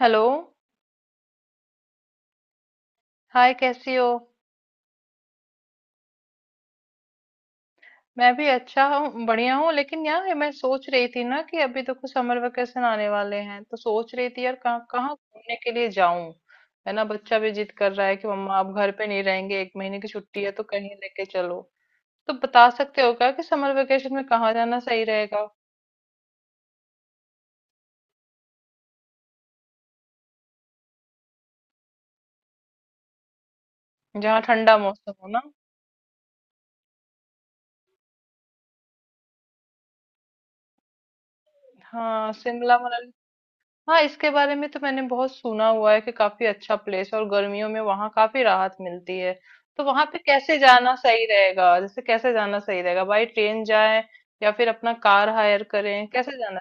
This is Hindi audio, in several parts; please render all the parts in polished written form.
हेलो। हाय कैसी हो। मैं भी अच्छा हूँ बढ़िया हूँ। लेकिन यार मैं सोच रही थी ना कि अभी देखो समर वेकेशन आने वाले हैं तो सोच रही थी यार कहाँ कहाँ घूमने के लिए जाऊं। है ना, बच्चा भी जिद कर रहा है कि मम्मा आप घर पे नहीं रहेंगे, एक महीने की छुट्टी है तो कहीं लेके चलो। तो बता सकते हो क्या कि समर वेकेशन में कहाँ जाना सही रहेगा, जहाँ ठंडा मौसम हो ना। हाँ शिमला मनाली। हाँ, इसके बारे में तो मैंने बहुत सुना हुआ है कि काफी अच्छा प्लेस है और गर्मियों में वहां काफी राहत मिलती है। तो वहां पे कैसे जाना सही रहेगा, जैसे कैसे जाना सही रहेगा, बाई ट्रेन जाएं या फिर अपना कार हायर करें, कैसे जाना।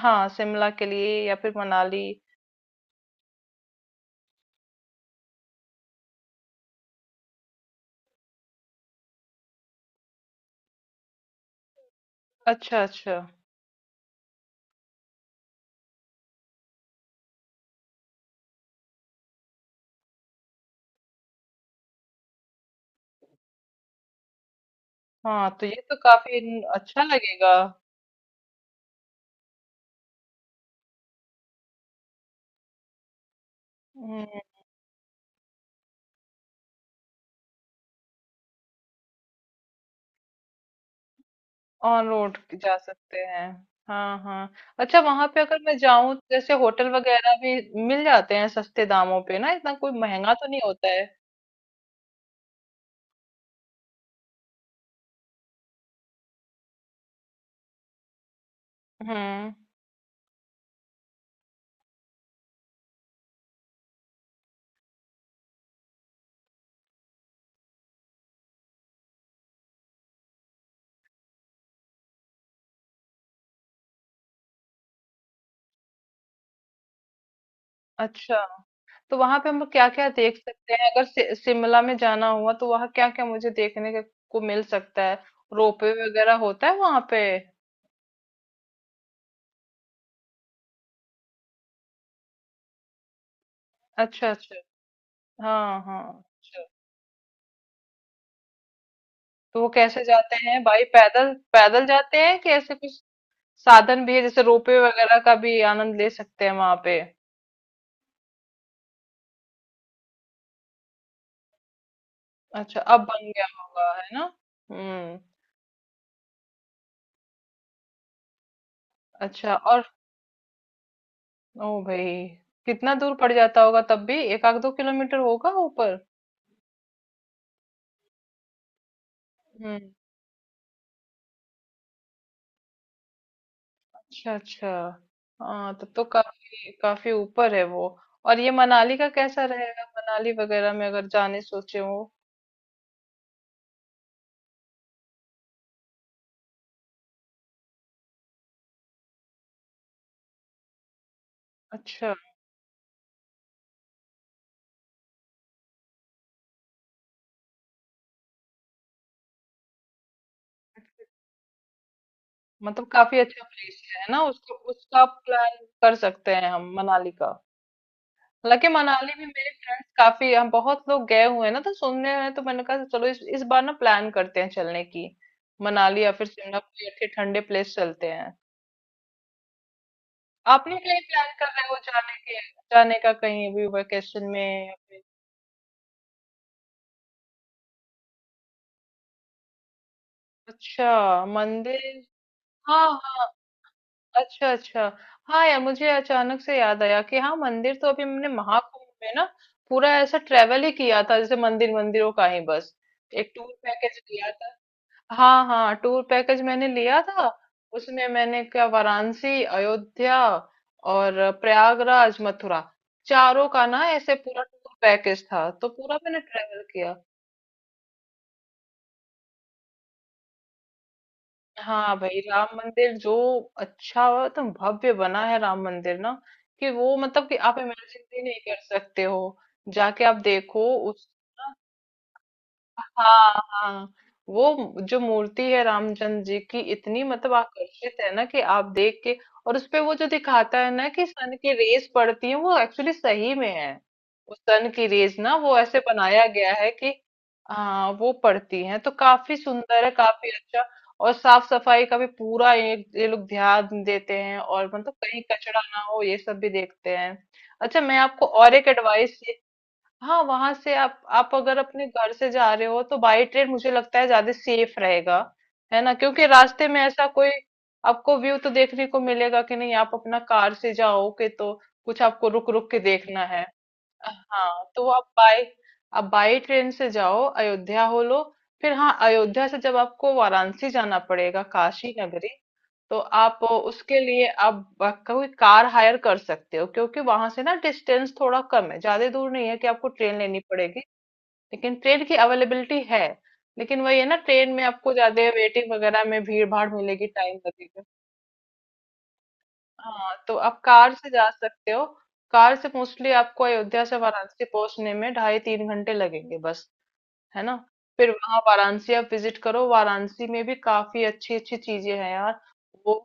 हाँ शिमला के लिए या फिर मनाली। अच्छा अच्छा। हाँ तो ये तो काफी अच्छा लगेगा। हम्म। ऑन रोड जा सकते हैं। हाँ हाँ। अच्छा वहां पे अगर मैं जाऊं जैसे होटल वगैरह भी मिल जाते हैं सस्ते दामों पे ना, इतना कोई महंगा तो नहीं होता है। हम्म। अच्छा तो वहां पे हम लोग क्या क्या देख सकते हैं, अगर सि शिमला में जाना हुआ तो वहां क्या क्या मुझे देखने को मिल सकता है। रोपवे वगैरह होता है वहां पे। अच्छा अच्छा। हाँ हाँ अच्छा। तो वो कैसे जाते हैं भाई, पैदल पैदल जाते हैं कि ऐसे कुछ साधन भी है जैसे रोपवे वगैरह का भी आनंद ले सकते हैं वहां पे। अच्छा अब बन गया होगा है ना। हम्म। अच्छा और ओ भाई, कितना दूर पड़ जाता होगा, तब भी एक आध दो किलोमीटर होगा ऊपर। हम्म। अच्छा अच्छा। हाँ तब तो काफी काफी ऊपर है वो। और ये मनाली का कैसा रहेगा, मनाली वगैरह में अगर जाने सोचे हो। अच्छा मतलब काफी अच्छा प्लेस है ना, उसको उसका प्लान कर सकते हैं हम मनाली का। हालांकि मनाली में मेरे फ्रेंड्स काफी हम बहुत लोग गए हुए हैं ना तो सुनने हैं, तो मैंने कहा चलो इस बार ना प्लान करते हैं चलने की। मनाली या फिर शिमला, कोई अच्छे ठंडे प्लेस चलते हैं। आपने कहीं प्लान कर रहे हो जाने के, जाने का कहीं भी वेकेशन में। अच्छा मंदिर। हाँ हाँ। अच्छा अच्छा। हाँ यार मुझे अचानक से याद आया कि हाँ मंदिर तो अभी मैंने महाकुंभ में ना पूरा ऐसा ट्रेवल ही किया था, जैसे मंदिर मंदिरों का ही बस एक टूर पैकेज लिया था। हाँ हाँ टूर पैकेज मैंने लिया था। उसमें मैंने क्या, वाराणसी, अयोध्या और प्रयागराज, मथुरा, चारों का ना ऐसे पूरा टूर पैकेज था तो पूरा मैंने ट्रेवल किया। हाँ भाई राम मंदिर जो, अच्छा और एकदम भव्य बना है राम मंदिर ना, कि वो मतलब कि आप इमेजिन भी नहीं कर सकते हो, जाके आप देखो उस। हाँ हाँ। वो जो मूर्ति है रामचंद्र जी की, इतनी मतलब आकर्षित है ना कि आप देख के। और उसपे वो जो दिखाता है ना कि सन की रेस पड़ती है, वो एक्चुअली सही में है। वो सन की रेस ना वो ऐसे बनाया गया है कि, हाँ वो पड़ती है तो काफी सुंदर है, काफी अच्छा। और साफ सफाई का भी पूरा ये लोग ध्यान देते हैं, और मतलब कहीं कचरा ना हो ये सब भी देखते हैं। अच्छा मैं आपको और एक एडवाइस। हाँ वहां से आप अगर अपने घर से जा रहे हो तो बाई ट्रेन मुझे लगता है ज्यादा सेफ रहेगा। है ना, क्योंकि रास्ते में ऐसा कोई, आपको व्यू तो देखने को मिलेगा कि नहीं। आप अपना कार से जाओ कि तो कुछ आपको रुक रुक के देखना है। हाँ तो आप बाय, आप बाई ट्रेन से जाओ अयोध्या हो लो। फिर हाँ अयोध्या से जब आपको वाराणसी जाना पड़ेगा, काशी नगरी, तो आप उसके लिए आप कोई कार हायर कर सकते हो क्योंकि वहां से ना डिस्टेंस थोड़ा कम है, ज्यादा दूर नहीं है कि आपको ट्रेन लेनी पड़ेगी। लेकिन ट्रेन की अवेलेबिलिटी है। लेकिन वही है ना, ट्रेन में आपको ज्यादा वेटिंग वगैरह में भीड़ भाड़ मिलेगी, टाइम लगेगा। हाँ तो आप कार से जा सकते हो। कार से मोस्टली आपको अयोध्या से वाराणसी पहुंचने में ढाई तीन घंटे लगेंगे बस। है ना। फिर वहां वाराणसी आप विजिट करो, वाराणसी में भी काफी अच्छी अच्छी चीजें हैं यार। वो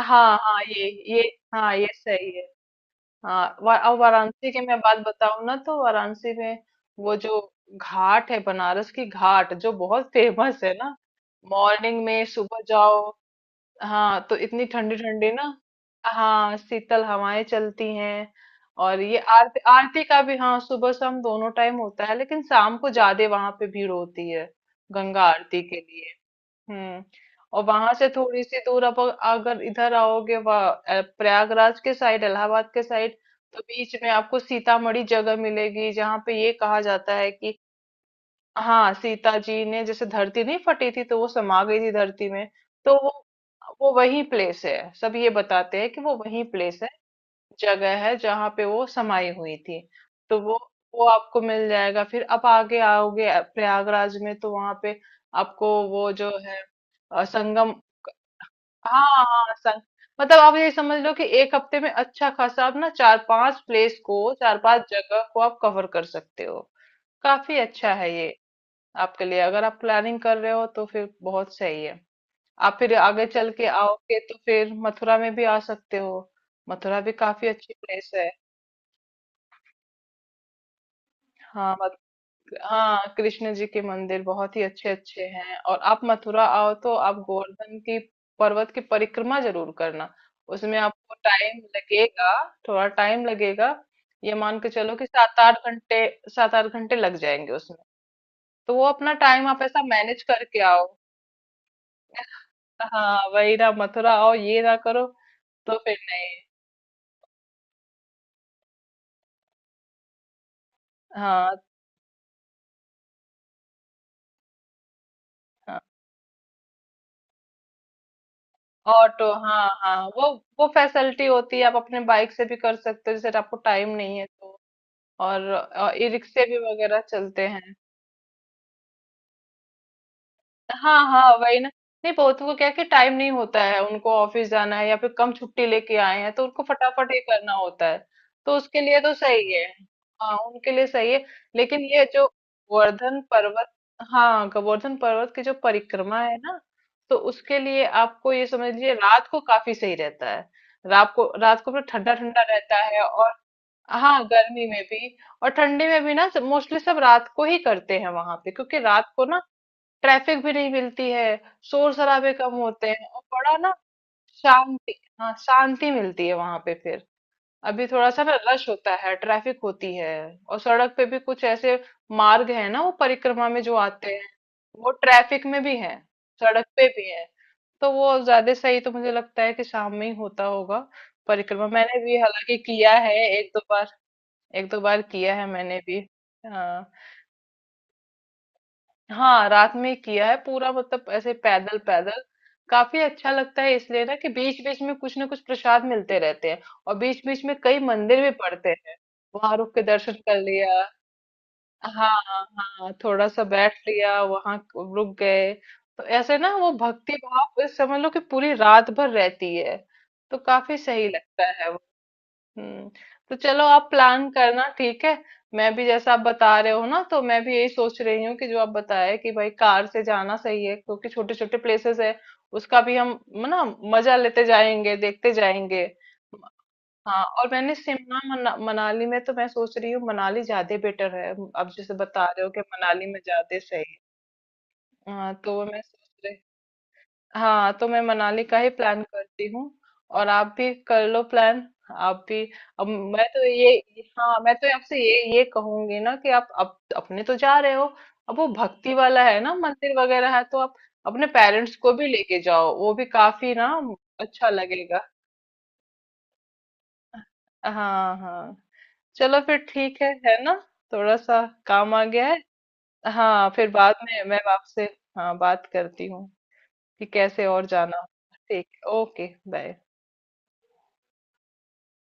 हाँ हाँ ये हाँ ये सही है। हाँ अब वाराणसी की मैं बात बताऊं ना, तो वाराणसी में वो जो घाट है, बनारस की घाट जो बहुत फेमस है ना। मॉर्निंग में सुबह जाओ, हाँ, तो इतनी ठंडी-ठंडी ना, हाँ, शीतल हवाएं चलती हैं। और ये आरती आरती का भी हाँ, सुबह शाम दोनों टाइम होता है लेकिन शाम को ज्यादा वहां पे भीड़ होती है गंगा आरती के लिए। हम्म। और वहां से थोड़ी सी दूर, अब अगर इधर आओगे प्रयागराज के साइड, इलाहाबाद के साइड, तो बीच में आपको सीतामढ़ी जगह मिलेगी जहाँ पे ये कहा जाता है कि हाँ सीता जी ने, जैसे धरती नहीं फटी थी तो वो समा गई थी धरती में। तो वो वही प्लेस है, सब ये बताते हैं कि वो वही प्लेस है, जगह है, जहाँ पे वो समाई हुई थी। तो वो आपको मिल जाएगा। फिर आप आगे आओगे प्रयागराज में तो वहां पे आपको वो जो है, संगम। हाँ हाँ संग मतलब आप ये समझ लो कि एक हफ्ते में अच्छा खासा आप ना चार पांच प्लेस को, चार पांच जगह को आप कवर कर सकते हो। काफी अच्छा है ये आपके लिए, अगर आप प्लानिंग कर रहे हो तो फिर बहुत सही है। आप फिर आगे चल के आओगे तो फिर मथुरा में भी आ सकते हो। मथुरा भी काफी अच्छी प्लेस है। हाँ मत, हाँ कृष्ण जी के मंदिर बहुत ही अच्छे अच्छे हैं, और आप मथुरा आओ तो आप गोवर्धन की पर्वत की परिक्रमा जरूर करना। उसमें आपको टाइम लगेगा, थोड़ा टाइम लगेगा। ये मान के चलो कि सात आठ घंटे, सात आठ घंटे लग जाएंगे उसमें। तो वो अपना टाइम आप ऐसा मैनेज करके आओ। हाँ वही ना, मथुरा आओ ये ना करो तो फिर नहीं। हाँ हाँ। ऑटो, हाँ हाँ, वो फैसिलिटी होती है, आप अपने बाइक से भी कर सकते हो जैसे आपको टाइम नहीं है तो, और ई रिक्शे भी वगैरह चलते हैं। हाँ हाँ वही ना, नहीं बहुत को क्या है कि टाइम नहीं होता है उनको, ऑफिस जाना है या फिर कम छुट्टी लेके आए हैं तो उनको फटाफट ये करना होता है। तो उसके लिए तो सही है। हाँ उनके लिए सही है। लेकिन ये जो गोवर्धन पर्वत, हाँ गोवर्धन पर्वत की जो परिक्रमा है ना तो उसके लिए आपको ये समझ लीजिए रात को काफी सही रहता है। रात को, रात को ठंडा ठंडा रहता है, और हाँ गर्मी में भी और ठंडी में भी ना मोस्टली सब रात को ही करते हैं वहां पे, क्योंकि रात को ना ट्रैफिक भी नहीं मिलती है, शोर शराबे कम होते हैं और बड़ा ना शांति, हाँ शांति मिलती है वहां पे फिर। अभी थोड़ा सा ना रश होता है, ट्रैफिक होती है और सड़क पे भी कुछ ऐसे मार्ग है ना, वो परिक्रमा में जो आते हैं वो ट्रैफिक में भी है, सड़क पे भी है। तो वो ज्यादा सही तो मुझे लगता है कि शाम में ही होता होगा। परिक्रमा मैंने भी हालांकि किया है एक दो बार, एक दो बार किया है मैंने भी। हाँ, हाँ रात में ही किया है पूरा मतलब ऐसे पैदल पैदल। काफी अच्छा लगता है इसलिए ना कि बीच बीच में कुछ ना कुछ प्रसाद मिलते रहते हैं, और बीच बीच में कई मंदिर भी पड़ते हैं, वहां रुक के दर्शन कर लिया। हाँ हाँ थोड़ा सा बैठ लिया वहां, रुक गए। तो ऐसे ना वो भक्ति भाव इस समझ लो कि पूरी रात भर रहती है, तो काफी सही लगता है। हम्म। तो चलो आप प्लान करना, ठीक है। मैं भी जैसा आप बता रहे हो ना, तो मैं भी यही सोच रही हूँ कि जो आप बताए कि भाई कार से जाना सही है, क्योंकि छोटे छोटे प्लेसेस है उसका भी हम ना मजा लेते जाएंगे, देखते जाएंगे। हाँ और मैंने शिमला मनाली में तो मैं सोच रही हूँ मनाली ज्यादा बेटर है, आप जैसे बता रहे हो कि मनाली में ज्यादा सही है। हाँ तो मैं सोच रही, हाँ तो मैं मनाली का ही प्लान करती हूँ। और आप भी कर लो प्लान, आप भी। अब मैं तो ये, हाँ मैं तो आपसे ये कहूंगी ना कि आप अपने तो जा रहे हो। अब वो भक्ति वाला है ना, मंदिर वगैरह है तो आप अपने पेरेंट्स को भी लेके जाओ, वो भी काफी ना अच्छा लगेगा। हाँ हाँ। चलो फिर ठीक है ना। थोड़ा सा काम आ गया है। हाँ फिर बाद में मैं आपसे, हाँ बात करती हूँ कि कैसे और जाना। ठीक, ओके, बाय।